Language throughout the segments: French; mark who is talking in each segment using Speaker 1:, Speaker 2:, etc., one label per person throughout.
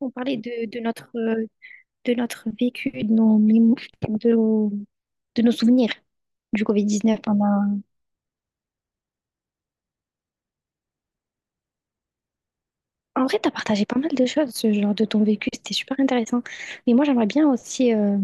Speaker 1: On parlait de notre, de notre vécu, de nos, mémo- de, nos- de nos souvenirs du Covid-19. En vrai, tu as partagé pas mal de choses, ce genre de ton vécu, c'était super intéressant. Mais moi, j'aimerais bien aussi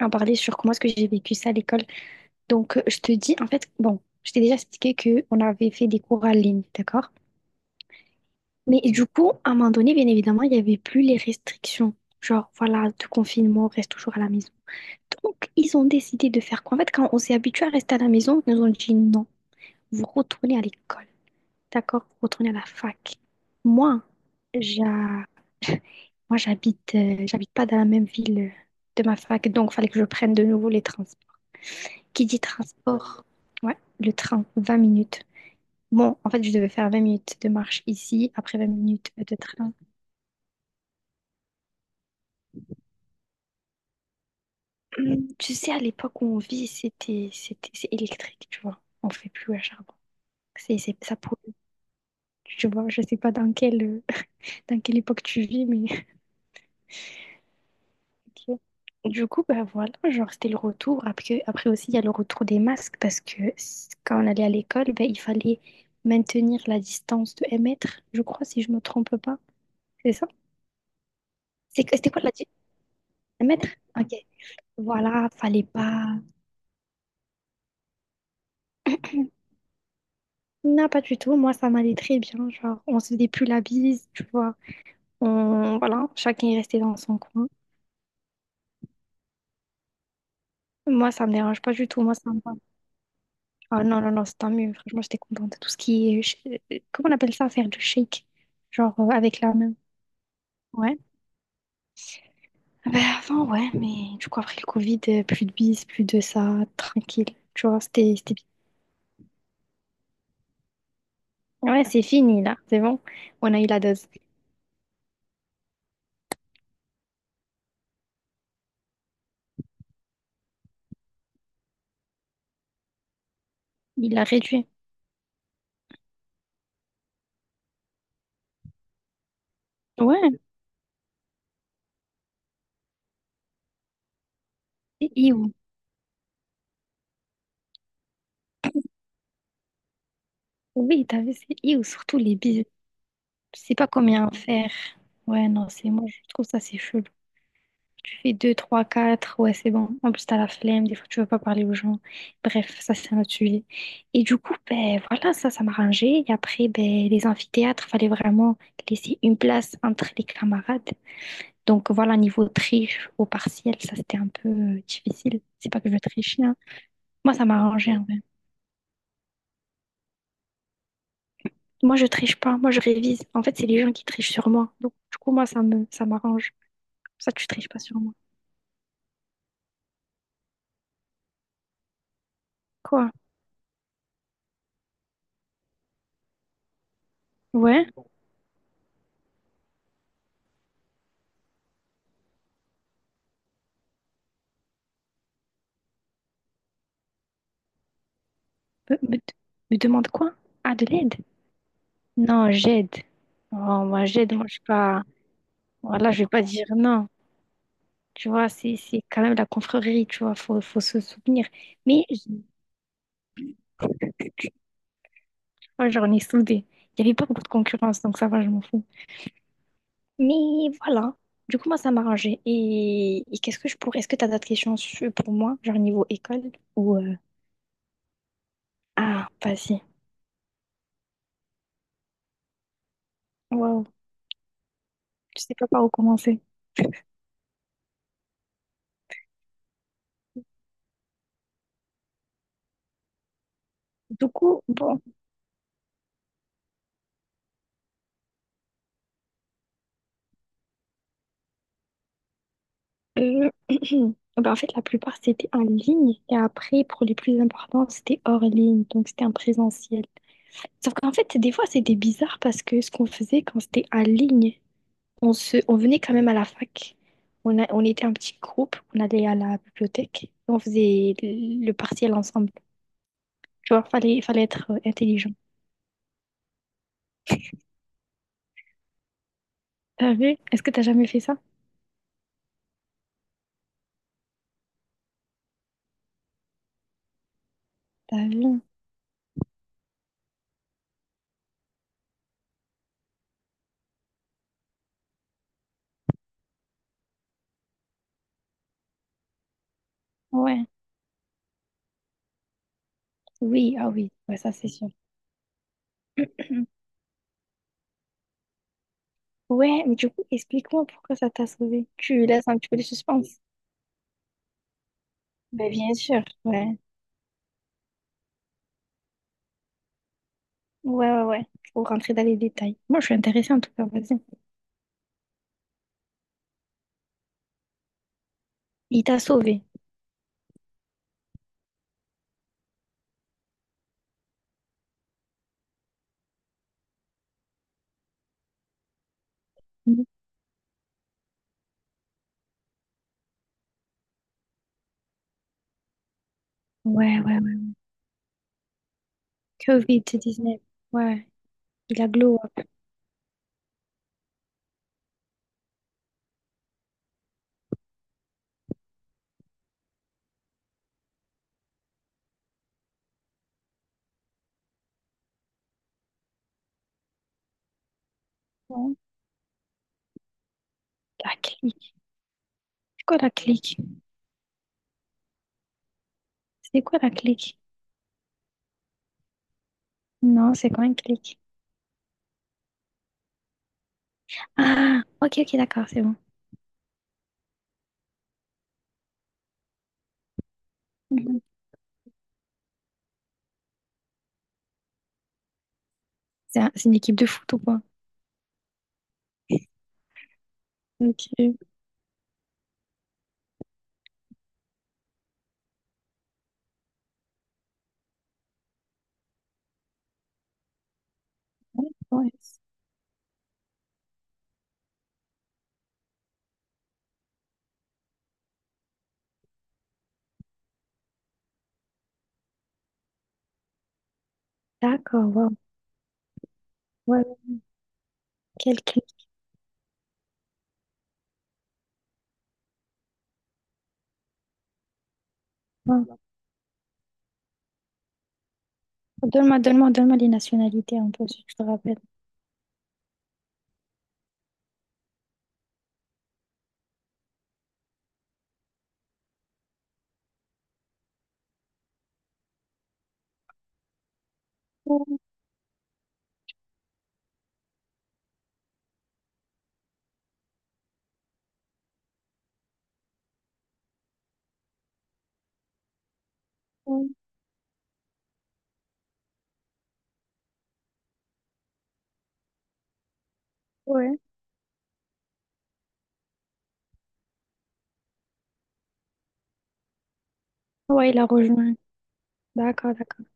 Speaker 1: en parler sur comment est-ce que j'ai vécu ça à l'école. Donc, je te dis, en fait, bon, je t'ai déjà expliqué qu'on avait fait des cours en ligne, d'accord? Mais du coup, à un moment donné, bien évidemment, il n'y avait plus les restrictions. Genre, voilà, de confinement, reste toujours à la maison. Donc, ils ont décidé de faire quoi? En fait, quand on s'est habitué à rester à la maison, ils nous ont dit non, vous retournez à l'école, d'accord? Vous retournez à la fac. Moi, j'a- moi j'habite j'habite pas dans la même ville de ma fac, donc il fallait que je prenne de nouveau les transports. Qui dit transport? Ouais, le train, 20 minutes. Bon, en fait, je devais faire 20 minutes de marche ici, après 20 minutes de train. Tu sais, à l'époque où on vit, c'est électrique, tu vois. On fait plus à charbon. Ça pollue. Tu vois, je sais pas dans quelle, dans quelle époque tu vis, mais ok. Du coup, bah voilà, genre c'était le retour. Après aussi, il y a le retour des masques parce que quand on allait à l'école, ben, il fallait maintenir la distance de 1 mètre, je crois, si je me trompe pas. C'est ça? C'était quoi la distance? 1 mètre? Ok. Voilà, fallait pas. Non, pas du tout. Moi, ça m'allait très bien. Genre, on se faisait plus la bise, tu vois. Voilà, chacun est resté dans son coin. Moi, ça me dérange pas du tout. Moi, ça me va. Ah non, non, non, c'est tant mieux. Franchement, j'étais contente. Tout ce qui est. Comment on appelle ça, faire du shake? Genre avec la main. Ouais. Ah ben, avant, ouais, mais du coup, après le Covid, plus de bis, plus de ça, tranquille. Tu vois, c'était bien. Ouais, c'est fini, là. C'est bon. On a eu la dose. Il l'a réduit. Ouais, c'est iou. Oui, t'as vu, c'est iou. Surtout les bis. Je sais pas combien en faire. Ouais, non, c'est moi, je trouve ça, c'est chelou. Tu fais 2 3 4 ouais, c'est bon. En plus, t'as la flemme, des fois, tu veux pas parler aux gens. Bref, ça, c'est un autre sujet. Et du coup, ben voilà, ça m'arrangeait. Et après, ben, les amphithéâtres, fallait vraiment laisser une place entre les camarades. Donc voilà, niveau triche au partiel, ça, c'était un peu difficile. C'est pas que je trichais, hein. Moi, ça m'arrangeait, en vrai. Moi, je triche pas, moi, je révise. En fait, c'est les gens qui trichent sur moi. Donc, du coup, moi, ça m'arrange. Ça, tu triches pas sur moi. Quoi? Ouais? Me, me- me demande quoi? Ah, de l'aide? Non, j'aide. Oh, moi, j'aide. Moi, je suis pas. Voilà, je vais pas dire non. Tu vois, c'est quand même la confrérie, tu vois. Faut se soutenir. Mais j- moi, j'en ai soudé. Il n'y avait pas beaucoup de concurrence, donc ça va, je m'en fous. Mais voilà. Du coup, moi, ça m'a arrangé. Et qu'est-ce que je pourrais. Est-ce que tu as d'autres questions pour moi, genre niveau école ou. Ah, vas-y. Waouh. Je sais pas par où commencer. Du coup, bon. Euh, ben, en fait, la plupart, c'était en ligne. Et après, pour les plus importants, c'était hors ligne. Donc, c'était en présentiel. Sauf qu'en fait, des fois, c'était bizarre parce que ce qu'on faisait quand c'était en ligne, on venait quand même à la fac. On était un petit groupe. On allait à la bibliothèque et on faisait le partiel ensemble. Tu vois, fallait être intelligent. T'as vu? Est-ce que t'as jamais fait ça? T'as vu? Ouais. Oui, ah oui. Ouais, ça, c'est sûr. Ouais, mais du coup, explique-moi pourquoi ça t'a sauvé. Tu laisses un petit peu de suspense. Ben, bien sûr, ouais. Ouais, ouais, ouais. Faut rentrer dans les détails. Moi, je suis intéressée en tout cas, vas-y. Il t'a sauvé. Mhm. Ouais, ouais, ouais. Covid-19. Ouais. Il a glow up. Non, la clique. C'est quoi la clique? C'est quoi la clique? Non, c'est quoi une clique? Ah, ok, ok, d'accord, c'est bon. Mhm. C'est une équipe de foot ou pas? Ok, ouais. D'accord, wow. Ouais, ouais. Quelle clique. Ouais. Donne-moi les nationalités un peu, si tu te rappelles. Ouais. Ouais, ouais, il a rejoint. D'accord, d'accord.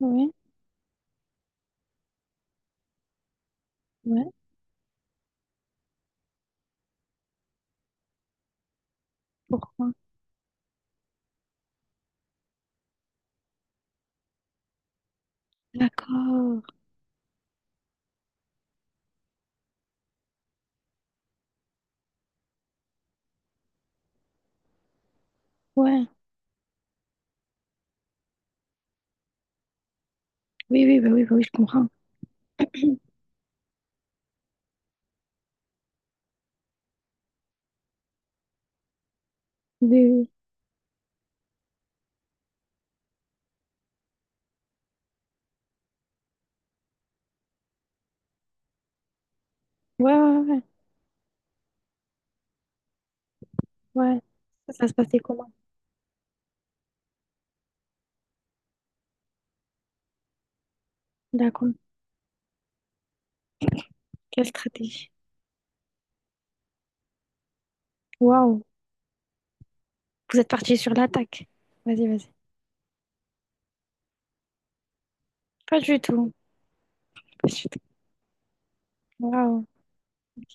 Speaker 1: Ouais, ouais. Pourquoi? D'accord. Ouais. Oui, oui, bah oui, bah oui, je comprends. Oui, oui. Ouais, ouais, ouais. Ouais. Ouais. Ça se passait comment? D'accord. Quelle stratégie? Waouh. Vous êtes parti sur l'attaque. Vas-y, vas-y. Pas du tout. Pas du tout. Waouh. Ok.